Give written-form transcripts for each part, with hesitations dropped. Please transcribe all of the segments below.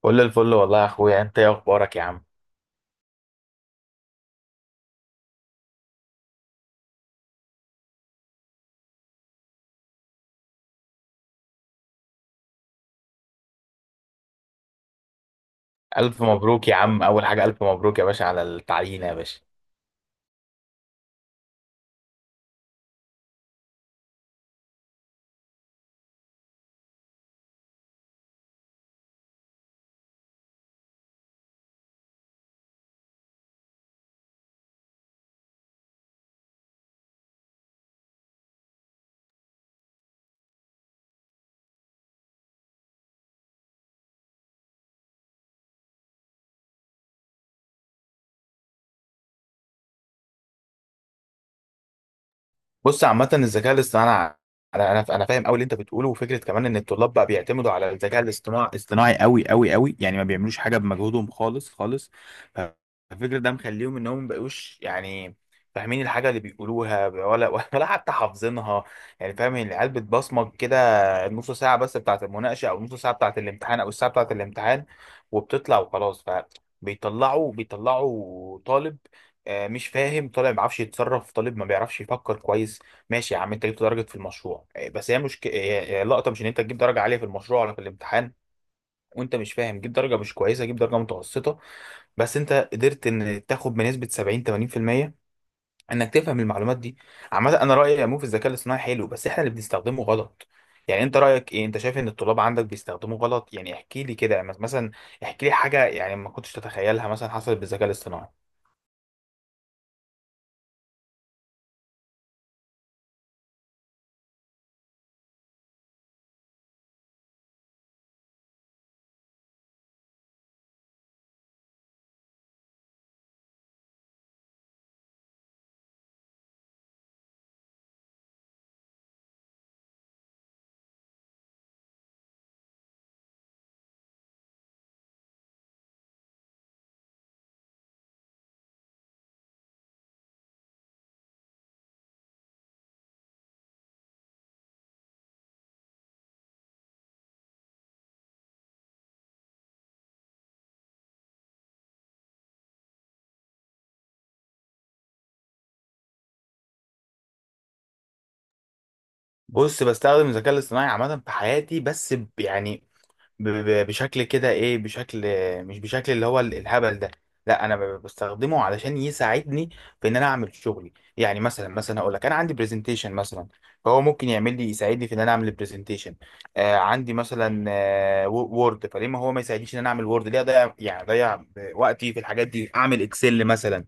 كل الفل والله يا اخويا، انت ايه اخبارك يا عم؟ الف مبروك يا عم، اول حاجه الف مبروك يا باشا على التعيين يا باشا. بص، عامة الذكاء الاصطناعي انا فاهم قوي اللي انت بتقوله، وفكرة كمان ان الطلاب بقى بيعتمدوا على الذكاء الاصطناعي اصطناعي قوي قوي قوي، يعني ما بيعملوش حاجة بمجهودهم خالص خالص. فالفكرة ده مخليهم انهم ما بقوش يعني فاهمين الحاجة اللي بيقولوها، ولا ولا حتى حافظينها، يعني فاهم؟ يعني العيال بتبصمج كده النص ساعة بس بتاعة المناقشة، او النص ساعة بتاعة الامتحان، او الساعة بتاعة الامتحان، وبتطلع وخلاص. ف بيطلعوا طالب، مش فاهم، طالب ما بيعرفش يتصرف، طالب ما بيعرفش يفكر كويس. ماشي يا عم، انت جبت درجه في المشروع، بس هي مشكله. اللقطه مش ان انت تجيب درجه عاليه في المشروع ولا في الامتحان وانت مش فاهم. جيب درجه مش كويسه، جيب درجه متوسطه، بس انت قدرت ان تاخد بنسبه 70 80% انك تفهم المعلومات دي. عامه انا رايي يا مو في الذكاء الاصطناعي حلو، بس احنا اللي بنستخدمه غلط. يعني انت رايك ايه؟ انت شايف ان الطلاب عندك بيستخدموه غلط؟ يعني احكي لي كده، يعني مثلا احكي لي حاجه يعني ما كنتش تتخيلها مثلا حصلت بالذكاء الاصطناعي. بص، بستخدم الذكاء الاصطناعي عامة في حياتي، بس يعني بشكل كده ايه، بشكل، مش بشكل اللي هو الهبل ده. لا، انا بستخدمه علشان يساعدني في ان انا اعمل شغلي. يعني مثلا، مثلا اقول لك، انا عندي برزنتيشن مثلا، فهو ممكن يعمل لي، يساعدني في ان انا اعمل البرزنتيشن. آه، عندي مثلا وورد، فليه ما هو ما يساعدنيش ان انا اعمل وورد؟ ليه اضيع، يعني اضيع وقتي في الحاجات دي؟ اعمل اكسل مثلا.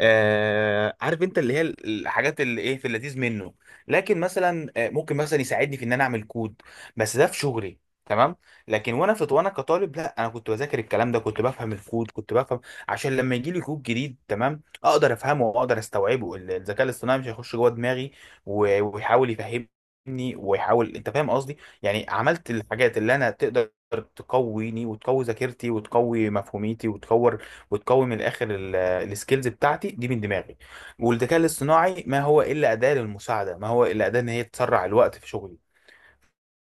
آه، عارف انت اللي هي الحاجات اللي ايه، في اللذيذ منه. لكن مثلا ممكن مثلا يساعدني في ان انا اعمل كود، بس ده في شغلي. تمام. لكن وانا في، وانا كطالب، لا، انا كنت بذاكر الكلام ده، كنت بفهم الكود، كنت بفهم عشان لما يجي لي كود جديد تمام اقدر افهمه واقدر استوعبه. الذكاء الاصطناعي مش هيخش جوه دماغي ويحاول يفهمني، ويحاول، انت فاهم قصدي؟ يعني عملت الحاجات اللي انا تقدر تقويني وتقوي ذاكرتي وتقوي مفهوميتي وتكور وتقوي من الاخر السكيلز بتاعتي دي من دماغي. والذكاء الاصطناعي ما هو الا اداه للمساعده، ما هو الا اداه ان هي تسرع الوقت في شغلي.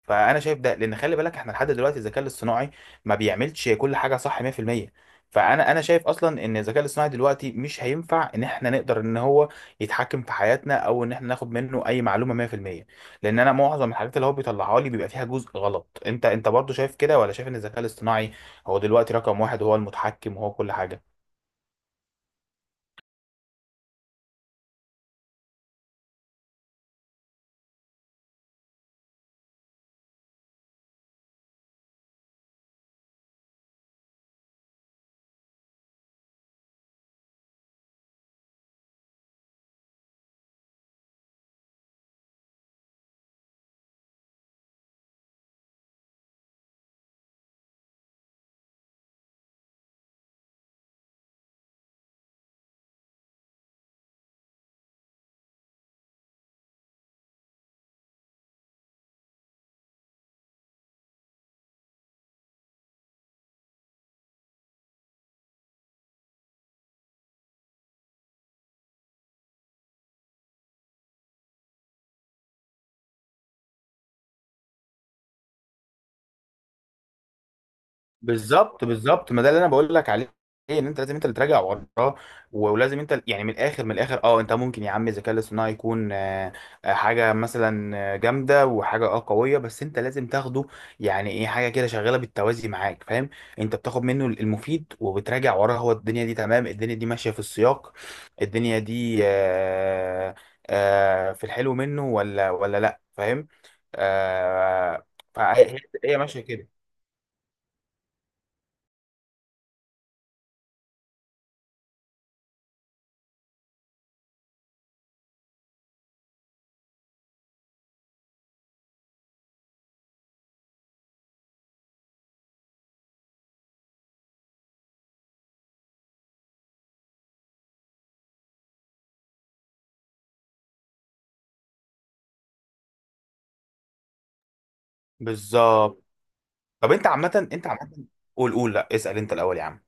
فانا شايف ده، لان خلي بالك احنا لحد دلوقتي الذكاء الاصطناعي ما بيعملش كل حاجه صح 100%. فانا شايف اصلا ان الذكاء الاصطناعي دلوقتي مش هينفع ان احنا نقدر ان هو يتحكم في حياتنا، او ان احنا ناخد منه اي معلومه 100%. لان انا معظم الحاجات اللي هو بيطلعها لي بيبقى فيها جزء غلط. انت برضو شايف كده، ولا شايف ان الذكاء الاصطناعي هو دلوقتي رقم واحد، هو المتحكم، وهو كل حاجه؟ بالظبط بالظبط، ما ده اللي انا بقول لك عليه، ان انت لازم انت اللي تراجع وراه، ولازم انت يعني من الاخر من الاخر، اه انت ممكن يا عم الذكاء الاصطناعي يكون حاجه مثلا جامده، وحاجه اه قويه، بس انت لازم تاخده، يعني ايه حاجه كده شغاله بالتوازي معاك، فاهم؟ انت بتاخد منه المفيد، وبتراجع وراه، هو الدنيا دي تمام، الدنيا دي ماشيه في السياق، الدنيا دي في الحلو منه، ولا ولا لا، فاهم؟ آه، فهي، هي ماشيه كده. بالظبط. طب انت عامة، انت عامة، قول قول، لا اسأل انت الأول يا عم.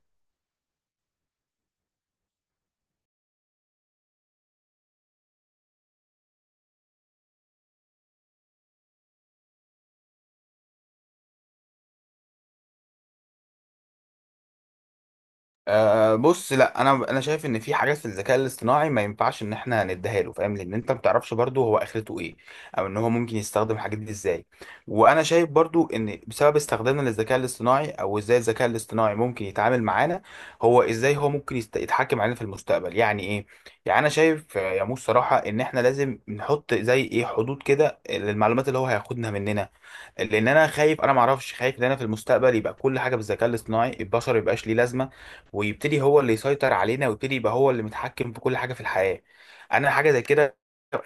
أه بص، لا، انا شايف ان في حاجات في الذكاء الاصطناعي ما ينفعش ان احنا نديها له، فاهم؟ لان انت ما بتعرفش برضه هو اخرته ايه، او ان هو ممكن يستخدم الحاجات دي ازاي. وانا شايف برضه ان بسبب استخدامنا للذكاء الاصطناعي، او ازاي الذكاء الاصطناعي ممكن يتعامل معانا، هو ازاي، هو ممكن يتحكم علينا في المستقبل يعني ايه. يعني انا شايف يا موس، صراحة ان احنا لازم نحط زي ايه حدود كده للمعلومات اللي هو هياخدها مننا. لان انا خايف، انا ما اعرفش، خايف ان انا في المستقبل يبقى كل حاجه بالذكاء الاصطناعي، البشر يبقاش ليه لازمه، ويبتدي هو اللي يسيطر علينا، ويبتدي يبقى هو اللي متحكم في كل حاجه في الحياه. انا حاجه زي كده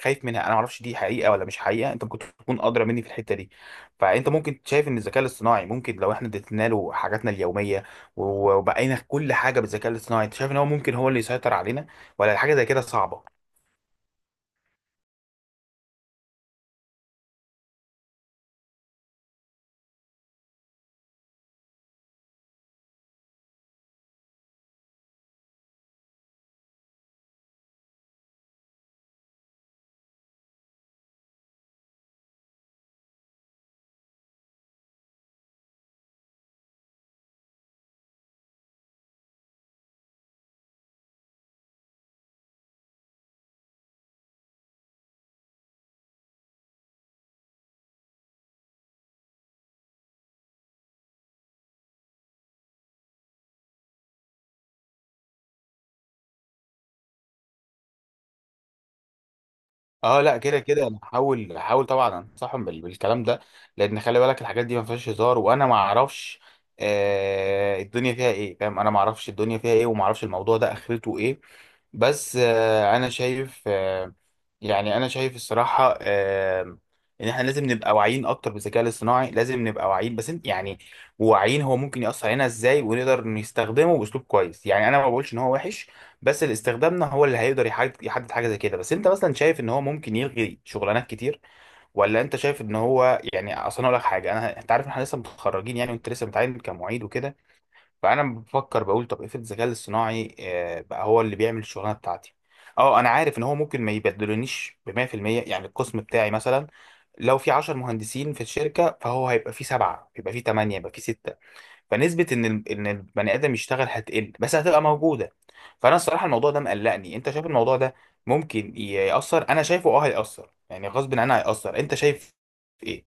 خايف منها، انا ما اعرفش دي حقيقه ولا مش حقيقه. انت ممكن تكون ادرى مني في الحته دي. فانت ممكن شايف ان الذكاء الاصطناعي، ممكن لو احنا ادينا له حاجاتنا اليوميه وبقينا كل حاجه بالذكاء الاصطناعي، انت شايف ان هو ممكن هو اللي يسيطر علينا، ولا الحاجه زي كده صعبه؟ اه لا، كده كده انا هحاول طبعا انصحهم بالكلام ده، لان خلي بالك الحاجات دي ما فيهاش هزار، وانا ما اعرفش الدنيا فيها ايه، فاهم؟ انا ما اعرفش الدنيا فيها ايه، وما اعرفش الموضوع ده اخرته ايه. بس انا شايف يعني انا شايف الصراحه ان احنا لازم نبقى واعيين اكتر بالذكاء الاصطناعي، لازم نبقى واعيين، بس انت يعني واعيين هو ممكن ياثر علينا ازاي، ونقدر نستخدمه باسلوب كويس. يعني انا ما بقولش ان هو وحش، بس اللي استخدامنا هو اللي هيقدر يحدد حاجه زي كده. بس انت مثلا شايف ان هو ممكن يلغي شغلانات كتير، ولا انت شايف ان هو يعني اصلا؟ اقول لك حاجه، انت عارف إن احنا لسه متخرجين يعني، وانت لسه بتعين كمعيد وكده، فانا بفكر بقول، طب افرض الذكاء الاصطناعي بقى هو اللي بيعمل الشغلانه بتاعتي. اه انا عارف ان هو ممكن ما يبدلونيش ب 100%. يعني القسم بتاعي مثلا، لو في 10 مهندسين في الشركه، فهو هيبقى في سبعه، يبقى في ثمانيه، يبقى في سته. فنسبه ان ان البني ادم يشتغل هتقل، بس هتبقى موجوده. فانا الصراحه الموضوع ده مقلقني. انت شايف الموضوع ده ممكن ياثر؟ انا شايفه اه هياثر، يعني غصب عننا هياثر. انت شايف ايه؟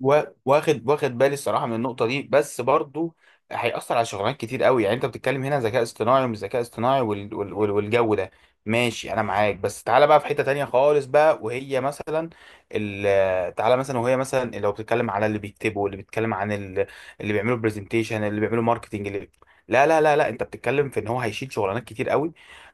واخد بالي الصراحه من النقطه دي، بس برضو هيأثر على شغلانات كتير قوي. يعني انت بتتكلم هنا ذكاء اصطناعي ومش ذكاء اصطناعي والجو ده، ماشي، انا معاك. بس تعالى بقى في حته تانية خالص بقى، وهي مثلا تعالى مثلا، وهي مثلا لو بتتكلم على اللي بيكتبوا، اللي بيتكلم عن اللي بيعملوا برزنتيشن، اللي بيعملوا ماركتنج، اللي لا لا لا لا، انت بتتكلم في ان هو هيشيل شغلانات كتير قوي.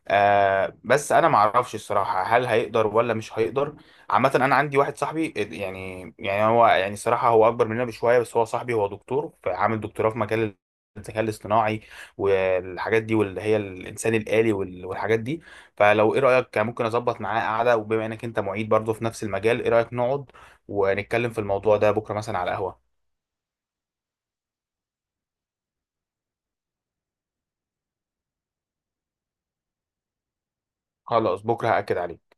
بس انا ما اعرفش الصراحه هل هيقدر ولا مش هيقدر. عامة، أنا عندي واحد صاحبي، هو يعني الصراحة هو أكبر مننا بشوية، بس هو صاحبي، هو دكتور، فعامل دكتوراه في مجال الذكاء الاصطناعي والحاجات دي، واللي هي الإنسان الآلي والحاجات دي. فلو، إيه رأيك ممكن أظبط معاه قعدة، وبما إنك أنت معيد برضه في نفس المجال، إيه رأيك نقعد ونتكلم في الموضوع ده بكرة مثلا على القهوة؟ خلاص، بكرة هأكد عليك.